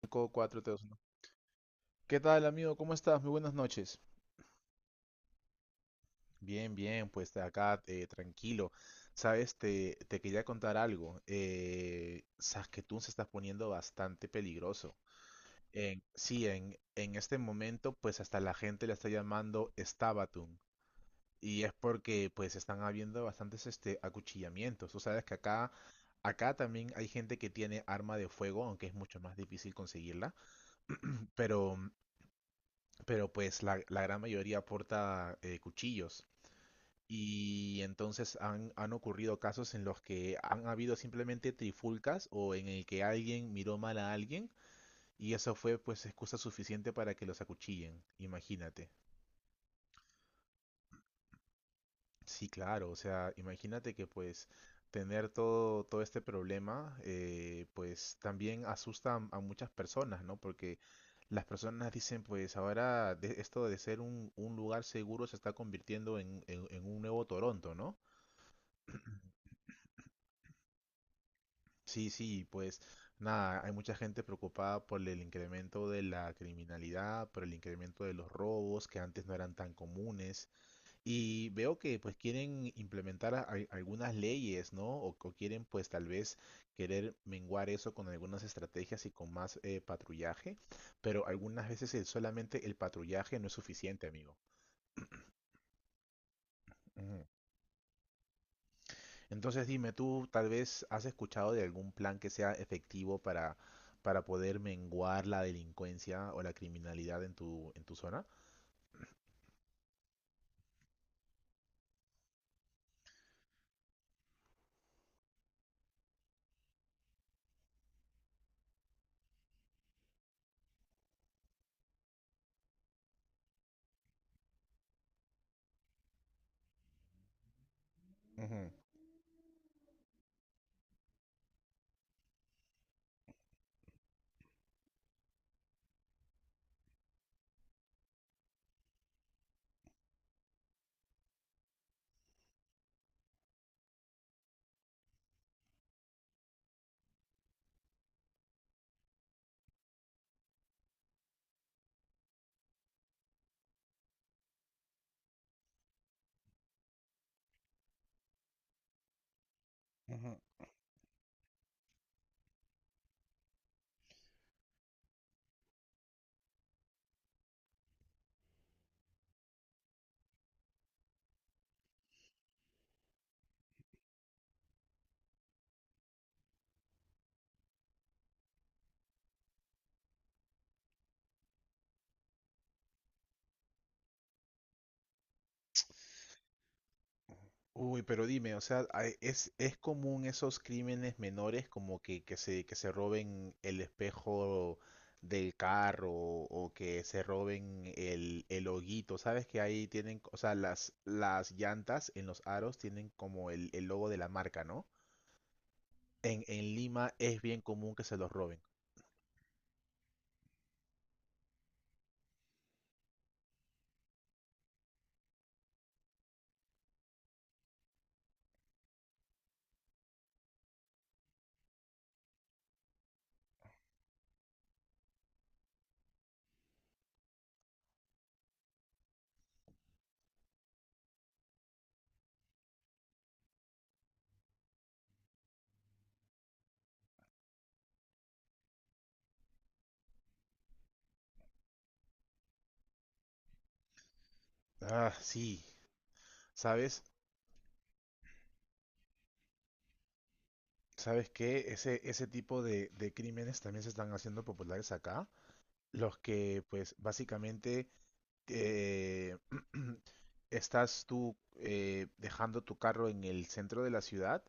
5, 4, 3, 1. ¿Qué tal, amigo? ¿Cómo estás? Muy buenas noches. Bien, bien, pues acá tranquilo. Sabes, te quería contar algo. Saskatoon se está poniendo bastante peligroso. Sí, en este momento, pues hasta la gente la está llamando Stabatun. Y es porque, pues, están habiendo bastantes acuchillamientos. Tú sabes que acá también hay gente que tiene arma de fuego, aunque es mucho más difícil conseguirla. Pero pero pues la gran mayoría porta cuchillos. Y entonces han ocurrido casos en los que han habido simplemente trifulcas o en el que alguien miró mal a alguien y eso fue pues excusa suficiente para que los acuchillen, imagínate. Sí, claro, o sea, imagínate que pues tener todo este problema, pues también asusta a muchas personas, ¿no? Porque las personas dicen, pues ahora esto de ser un lugar seguro se está convirtiendo en un nuevo Toronto, ¿no? Sí, sí, pues nada, hay mucha gente preocupada por el incremento de la criminalidad, por el incremento de los robos que antes no eran tan comunes. Y veo que pues quieren implementar algunas leyes, ¿no? O quieren pues tal vez querer menguar eso con algunas estrategias y con más patrullaje, pero algunas veces solamente el patrullaje no es suficiente, amigo. Ujú. ¿Entonces dime, tú tal vez has escuchado de algún plan que sea efectivo para poder menguar la delincuencia o la criminalidad en tu zona? Ujú. Ujú. Uy, pero dime, o sea, ¿es común esos crímenes menores como que se roben el espejo del carro o que se roben el hoguito? ¿Sabes que ahí tienen, o sea, las llantas en los aros tienen como el logo de la marca, ¿no? En Lima es bien común que se los roben. Ah, sí, ¿sabes? ¿Sabes qué? Ese tipo de crímenes también se están haciendo populares acá. Los que, pues, básicamente eh, estás tú dejando tu carro en el centro de la ciudad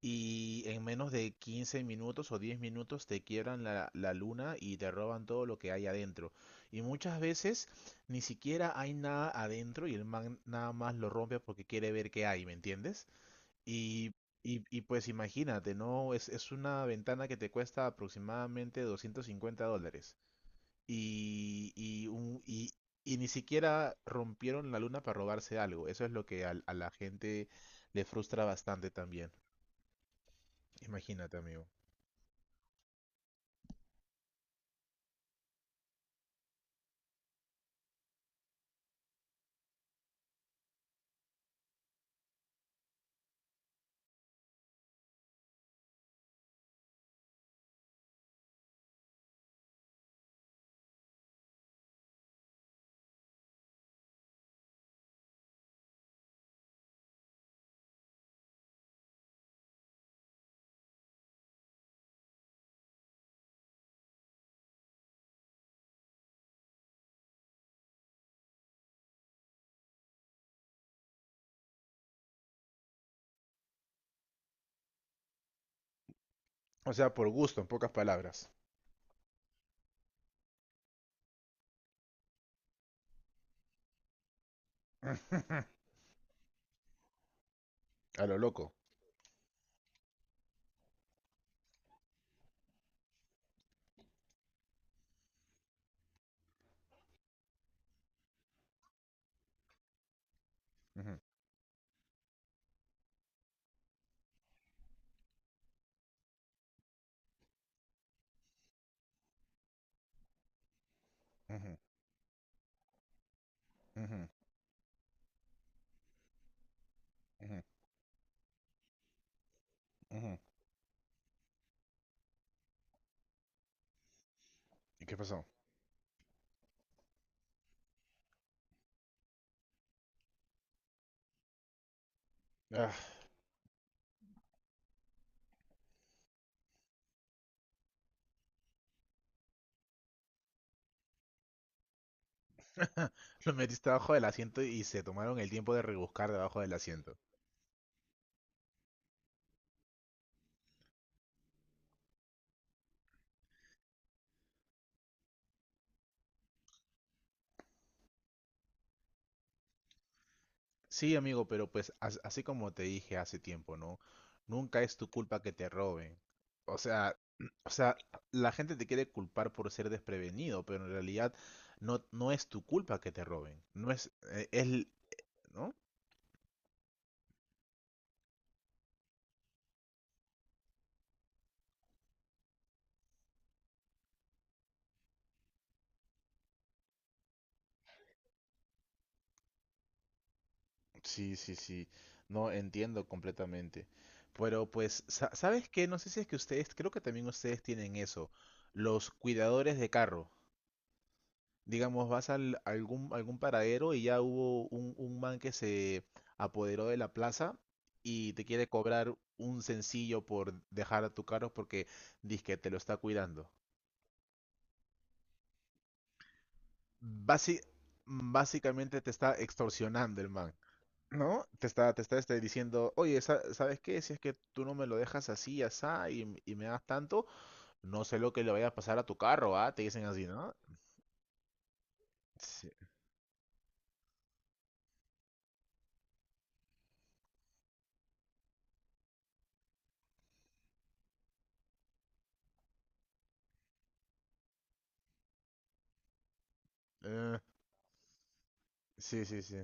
y en menos de 15 minutos o 10 minutos te quiebran la luna y te roban todo lo que hay adentro. Y muchas veces ni siquiera hay nada adentro y el man nada más lo rompe porque quiere ver qué hay, ¿me entiendes? Y, y pues imagínate, ¿no? Es una ventana que te cuesta aproximadamente $250 y, y, un- y- y ni siquiera rompieron la luna para robarse algo. Eso es lo que la gente le frustra bastante también. Imagínate, amigo. O sea, por gusto, en pocas palabras. A lo loco. Ujú, ujú, ujú, ujú, ujú. ¿Y qué pasó? Ah, lo metiste debajo del asiento y se tomaron el tiempo de rebuscar debajo del asiento. Sí, amigo, pero pues así como te dije hace tiempo, ¿no? Nunca es tu culpa que te roben. O sea, o sea, la gente te quiere culpar por ser desprevenido, pero en realidad no, no es tu culpa que te roben. No es, ¿no? Sí, sí, sí. No entiendo completamente. Pero pues, ¿sabes qué? No sé si es que ustedes, creo que también ustedes tienen eso, los cuidadores de carro. Digamos, vas algún paradero y ya hubo un man que se apoderó de la plaza y te quiere cobrar un sencillo por dejar a tu carro porque dice que te lo está cuidando. Basi- Básicamente te está extorsionando el man, ¿no? Te está, diciendo, oye, ¿sabes qué? Si es que tú no me lo dejas así, asá, y me das tanto, no sé lo que le vaya a pasar a tu carro, ¿ah? Te dicen así, ¿no? Sí, eh, sí, sí. Sí.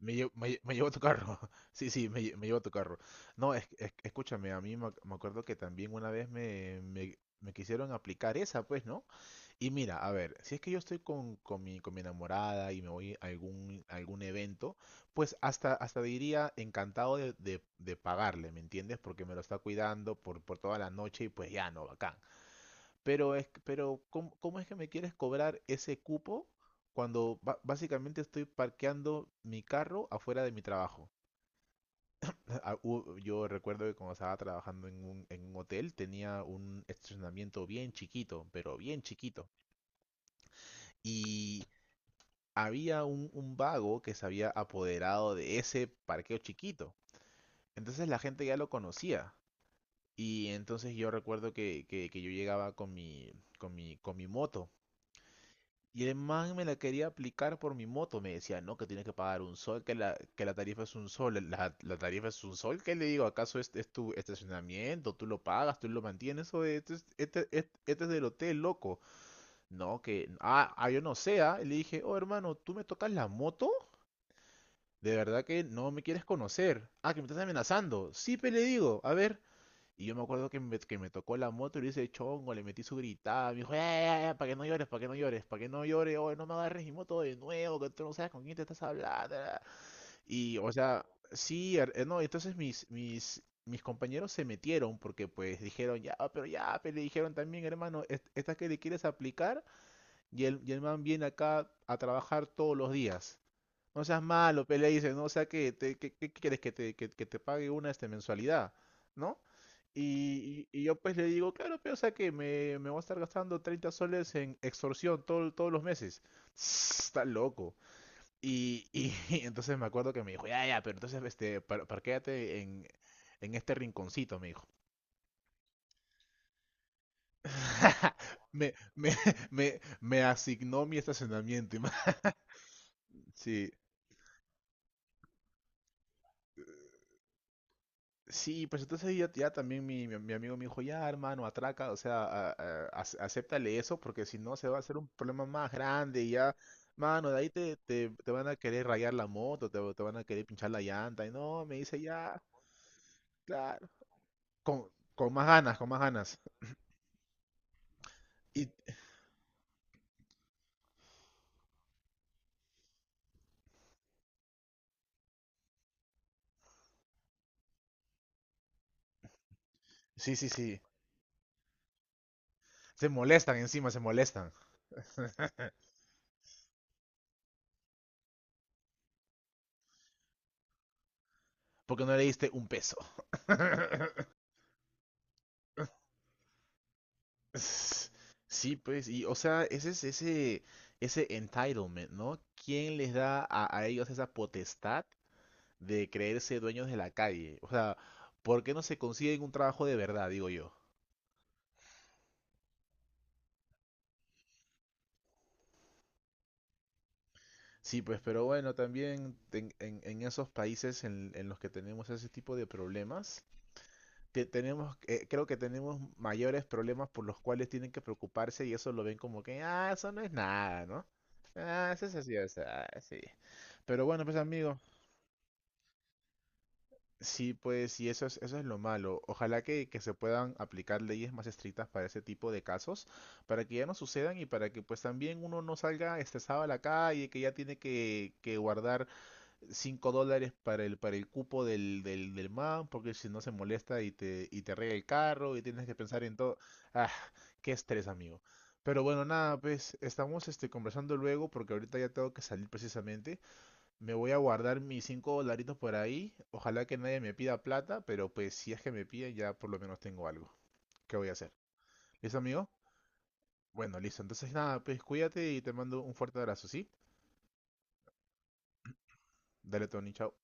Me llevo, me llevo tu carro. Sí, sí, me llevo tu carro. No, escúchame, a mí me acuerdo que también una vez me quisieron aplicar esa, pues, ¿no? Y mira, a ver, si es que yo estoy con mi enamorada y me voy a algún evento, pues hasta diría encantado de pagarle, ¿me entiendes? Porque me lo está cuidando por toda la noche y pues ya, no, bacán. Pero ¿cómo es que me quieres cobrar ese cupo cuando básicamente estoy parqueando mi carro afuera de mi trabajo? Yo recuerdo que cuando estaba trabajando en un hotel tenía un estacionamiento bien chiquito, pero bien chiquito. Y había un vago que se había apoderado de ese parqueo chiquito. Entonces la gente ya lo conocía. Y entonces yo recuerdo que yo llegaba con mi moto. Y el man me la quería aplicar por mi moto. Me decía, no, que tienes que pagar 1 sol, que la tarifa es 1 sol. La tarifa es 1 sol. ¿Qué le digo? ¿Acaso este es tu estacionamiento? ¿Tú lo pagas? ¿Tú lo mantienes? O este es del hotel, loco. No, que... yo no sé. Ah. Y le dije, oh, hermano, ¿tú me tocas la moto? De verdad que no me quieres conocer. Ah, que me estás amenazando. Sí, pero le digo, a ver, y yo me acuerdo que me tocó la moto y le hice chongo, le metí su gritada, me dijo, ya, ya, ya, para que no llores, para que no llores, para que no llores, oye, no me agarres mi moto de nuevo, que tú no sabes con quién te estás hablando. Y, o sea, sí, no, entonces mis compañeros se metieron porque pues dijeron, ya, pero le dijeron también, hermano, esta que le quieres aplicar y el man viene acá a trabajar todos los días. No seas malo, pe, le dice, ¿no? O sea, que quieres que te pague una mensualidad, ¿no? Y yo pues le digo, claro, pero o sea que me voy a estar gastando 30 soles en extorsión todos los meses. Está loco. Y entonces me acuerdo que me dijo, ya, ya, pero entonces parquéate en este rinconcito, me dijo. Me, me, me asignó mi estacionamiento. Sí. Sí, pues entonces ya, ya también mi amigo me dijo, ya hermano, atraca, o sea, acéptale eso, porque si no se va a hacer un problema más grande y ya, mano, de ahí te van a querer rayar la moto, te van a querer pinchar la llanta, y no, me dice, ya, claro, con más ganas, con más ganas. Y sí, sí, sí, se molestan encima, se molestan, porque no le diste un peso. S- Sí, pues, y o sea, ese entitlement, ¿no? ¿Quién les da a ellos esa potestad de creerse dueños de la calle? O sea, ¿por qué no se consiguen un trabajo de verdad, digo yo? Sí, pues, pero bueno, también en esos países en los que tenemos ese tipo de problemas, tenemos, creo que tenemos mayores problemas por los cuales tienen que preocuparse y eso lo ven como que, ah, eso no es nada, ¿no? Ah, eso es así, o sea, ah, sí. Pero bueno, pues, amigo. Sí, pues, y eso es lo malo. Ojalá que se puedan aplicar leyes más estrictas para ese tipo de casos, para que ya no sucedan y para que pues también uno no salga estresado a la calle, que ya tiene que guardar $5 para el cupo del man, porque si no se molesta y te rega el carro y tienes que pensar en todo. Ah, qué estrés, amigo. Pero bueno, nada, pues estamos conversando luego porque ahorita ya tengo que salir precisamente. Me voy a guardar mis 5 dolaritos por ahí. Ojalá que nadie me pida plata, pero pues si es que me piden ya por lo menos tengo algo. ¿Qué voy a hacer? ¿Listo, amigo? Bueno, listo. Entonces nada, pues cuídate y te mando un fuerte abrazo, ¿sí? Dale, Tony, chao.